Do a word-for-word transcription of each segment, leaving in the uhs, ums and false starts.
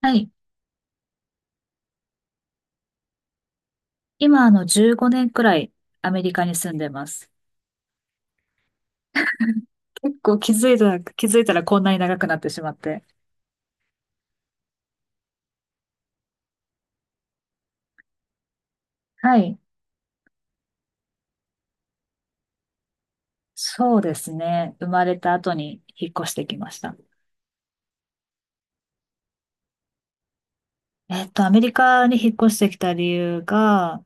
はい。今、あの、じゅうごねんくらいアメリカに住んでます。結構気づいたら、気づいたらこんなに長くなってしまって。はい。そうですね。生まれた後に引っ越してきました。えっと、アメリカに引っ越してきた理由が、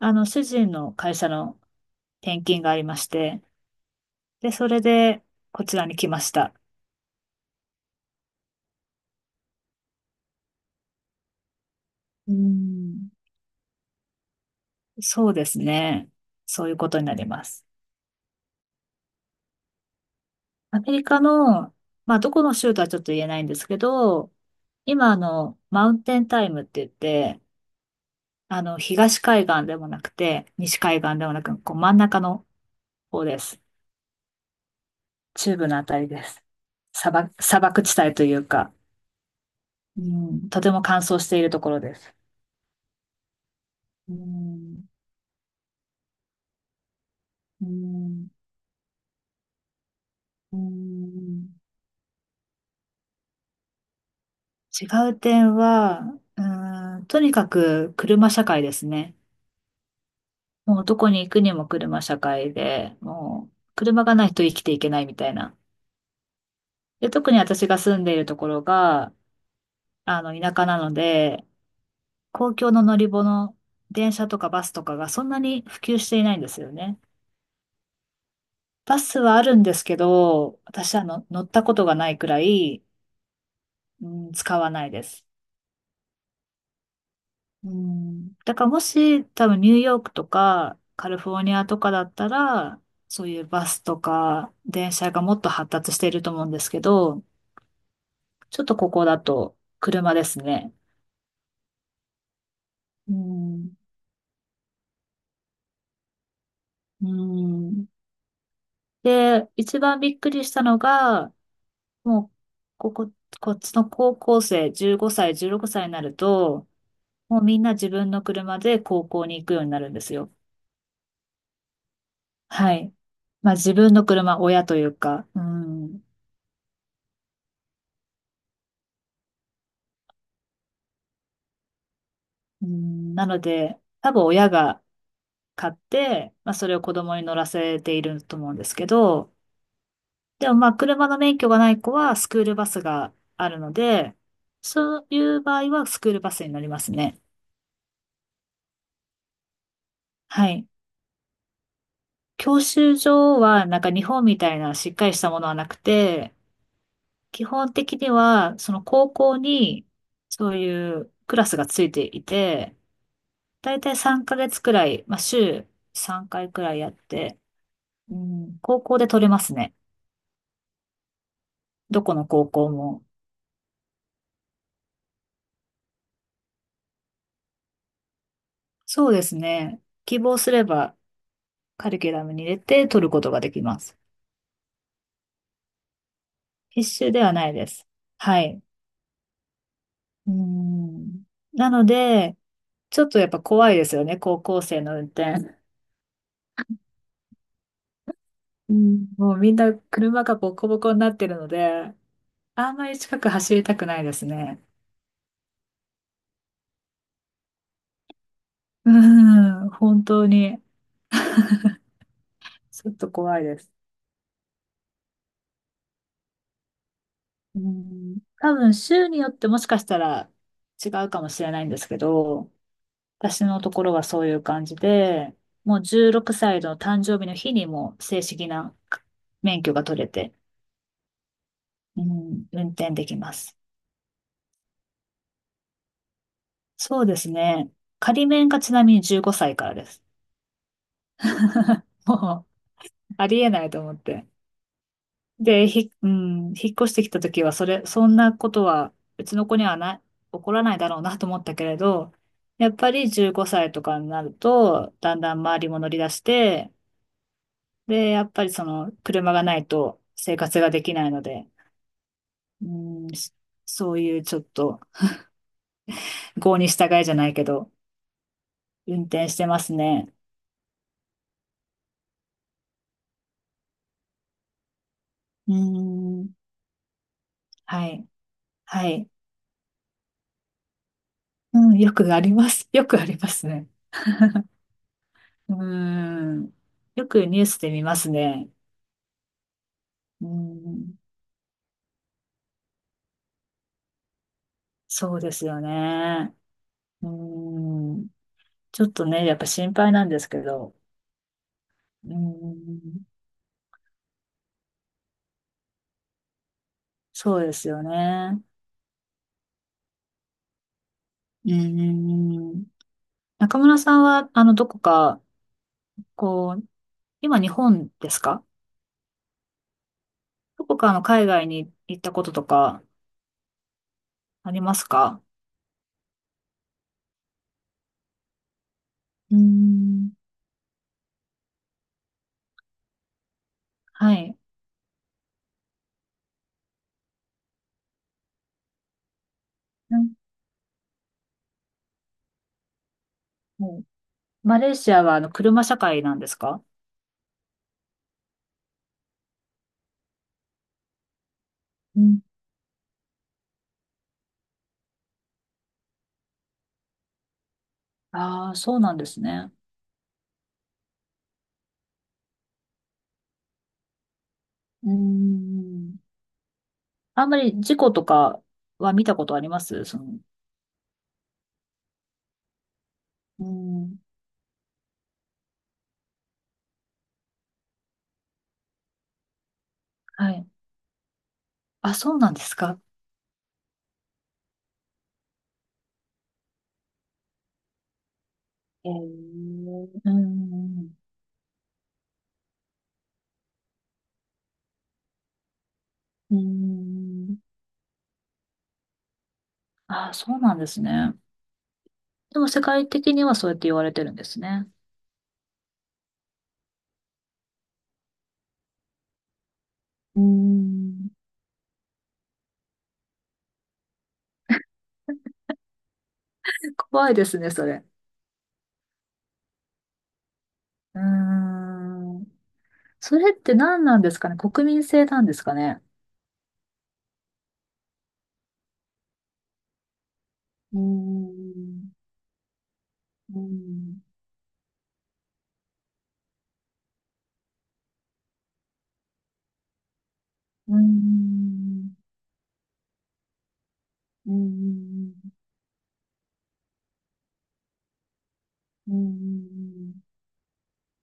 あの、主人の会社の転勤がありまして、で、それでこちらに来ました。うん、そうですね。そういうことになります。アメリカの、まあ、どこの州とはちょっと言えないんですけど、今、あの、マウンテンタイムって言って、あの、東海岸でもなくて、西海岸でもなく、こう、真ん中の方です。中部のあたりです。砂漠、砂漠地帯というか、うん、とても乾燥しているところです。うん、うん、うん、違う点は、うん、とにかく車社会ですね。もうどこに行くにも車社会で、もう車がないと生きていけないみたいな。で、特に私が住んでいるところが、あの、田舎なので、公共の乗り物、電車とかバスとかがそんなに普及していないんですよね。バスはあるんですけど、私はの乗ったことがないくらい、うん、使わないです。うん、だからもし多分ニューヨークとかカリフォルニアとかだったら、そういうバスとか電車がもっと発達していると思うんですけど、ちょっとここだと車ですね。うん。うん。で、一番びっくりしたのが、もう、ここ、こっちの高校生、じゅうごさい、じゅうろくさいになると、もうみんな自分の車で高校に行くようになるんですよ。はい。まあ自分の車、親というか、うん。うん、なので、多分親が買って、まあそれを子供に乗らせていると思うんですけど、でもまあ、車の免許がない子はスクールバスがあるので、そういう場合はスクールバスに乗りますね。はい。教習所はなんか日本みたいなしっかりしたものはなくて、基本的にはその高校にそういうクラスがついていて、だいたいさんかげつくらい、まあ週さんかいくらいやって、うん、高校で取れますね。どこの高校も。そうですね。希望すればカリキュラムに入れて取ることができます。必修ではないです。はい。うん。なので、ちょっとやっぱ怖いですよね、高校生の運転。うん。もうみんな車がボコボコになってるので、あんまり近く走りたくないですね。うん、本当に。ちょっと怖いです。うん。多分、州によってもしかしたら違うかもしれないんですけど、私のところはそういう感じで、もうじゅうろくさいの誕生日の日にもう正式な免許が取れて、うん、運転できます。そうですね。仮免がちなみにじゅうごさいからです。もう、ありえないと思って。で、ひ、うん、引っ越してきた時は、それ、そんなことは、うちの子にはない、起こらないだろうなと思ったけれど、やっぱりじゅうごさいとかになると、だんだん周りも乗り出して、で、やっぱりその、車がないと生活ができないので、うん、しそういうちょっと、郷に従えじゃないけど、運転してますね。うんはい。はい。うん、よくあります。よくありますね。うん。よくニュースで見ますね。うん。そうですよね。うん。ちょっとね、やっぱ心配なんですけど。うん。そうですよね。うん。中村さんは、あの、どこか、こう、今日本ですか？どこかの海外に行ったこととかありますか？うん。はい。うんマレーシアはあの車社会なんですか？うん。ああそうなんですね。うーん。あんまり事故とかは見たことありますその、うーん。はい。あ、そうなんですか。えー、うーん。うーん。ああ、そうなんですね。でも世界的にはそうやって言われてるんですね。うーん。怖いですね、それ。うーん。それって何なんですかね。国民性なんですかね。うーん。うーんうん、うん、うん、うん。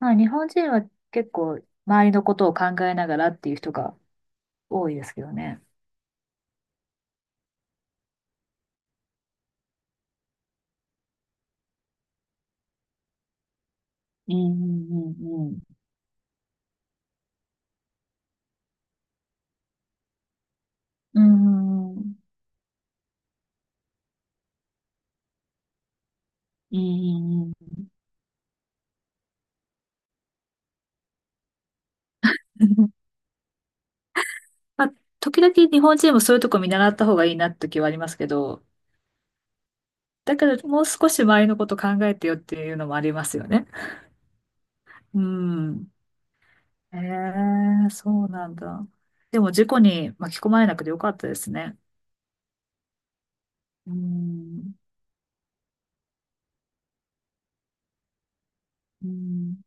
まあ、日本人は結構、周りのことを考えながらっていう人が多いですけどね。うんうんうんうん。うん。うんうんうんまあ、時々日本人もそういうとこ見習った方がいいなって時はありますけど、だけどもう少し周りのこと考えてよっていうのもありますよね。うん。へえ、そうなんだ。でも事故に巻き込まれなくてよかったですね。うん。うん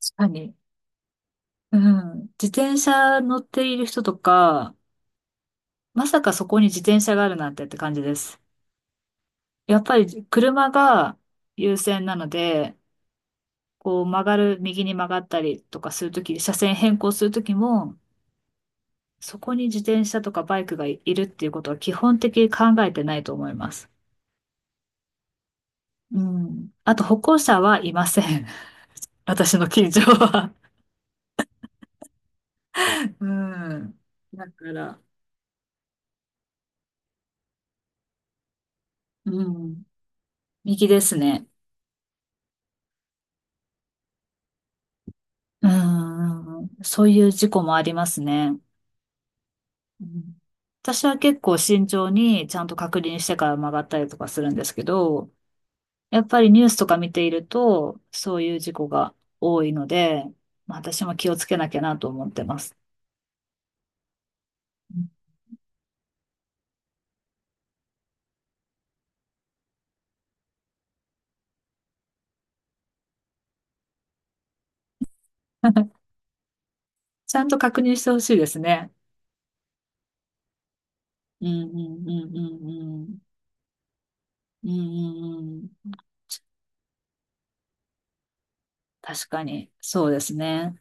確かに。うん。自転車乗っている人とか、まさかそこに自転車があるなんてって感じです。やっぱり車が優先なので、こう曲がる、右に曲がったりとかするとき、車線変更するときも、そこに自転車とかバイクがいるっていうことは基本的に考えてないと思います。うん。あと歩行者はいません。私の近所は。うん。だから、うん。右ですね。うん。そういう事故もありますね。うん私は結構慎重にちゃんと確認してから曲がったりとかするんですけど、やっぱりニュースとか見ていると、そういう事故が多いので、まあ、私も気をつけなきゃなと思ってます。うん ちゃんと確認してほしいですね。うんうんうんうんうん。うんうんうん。確かに、そうですね。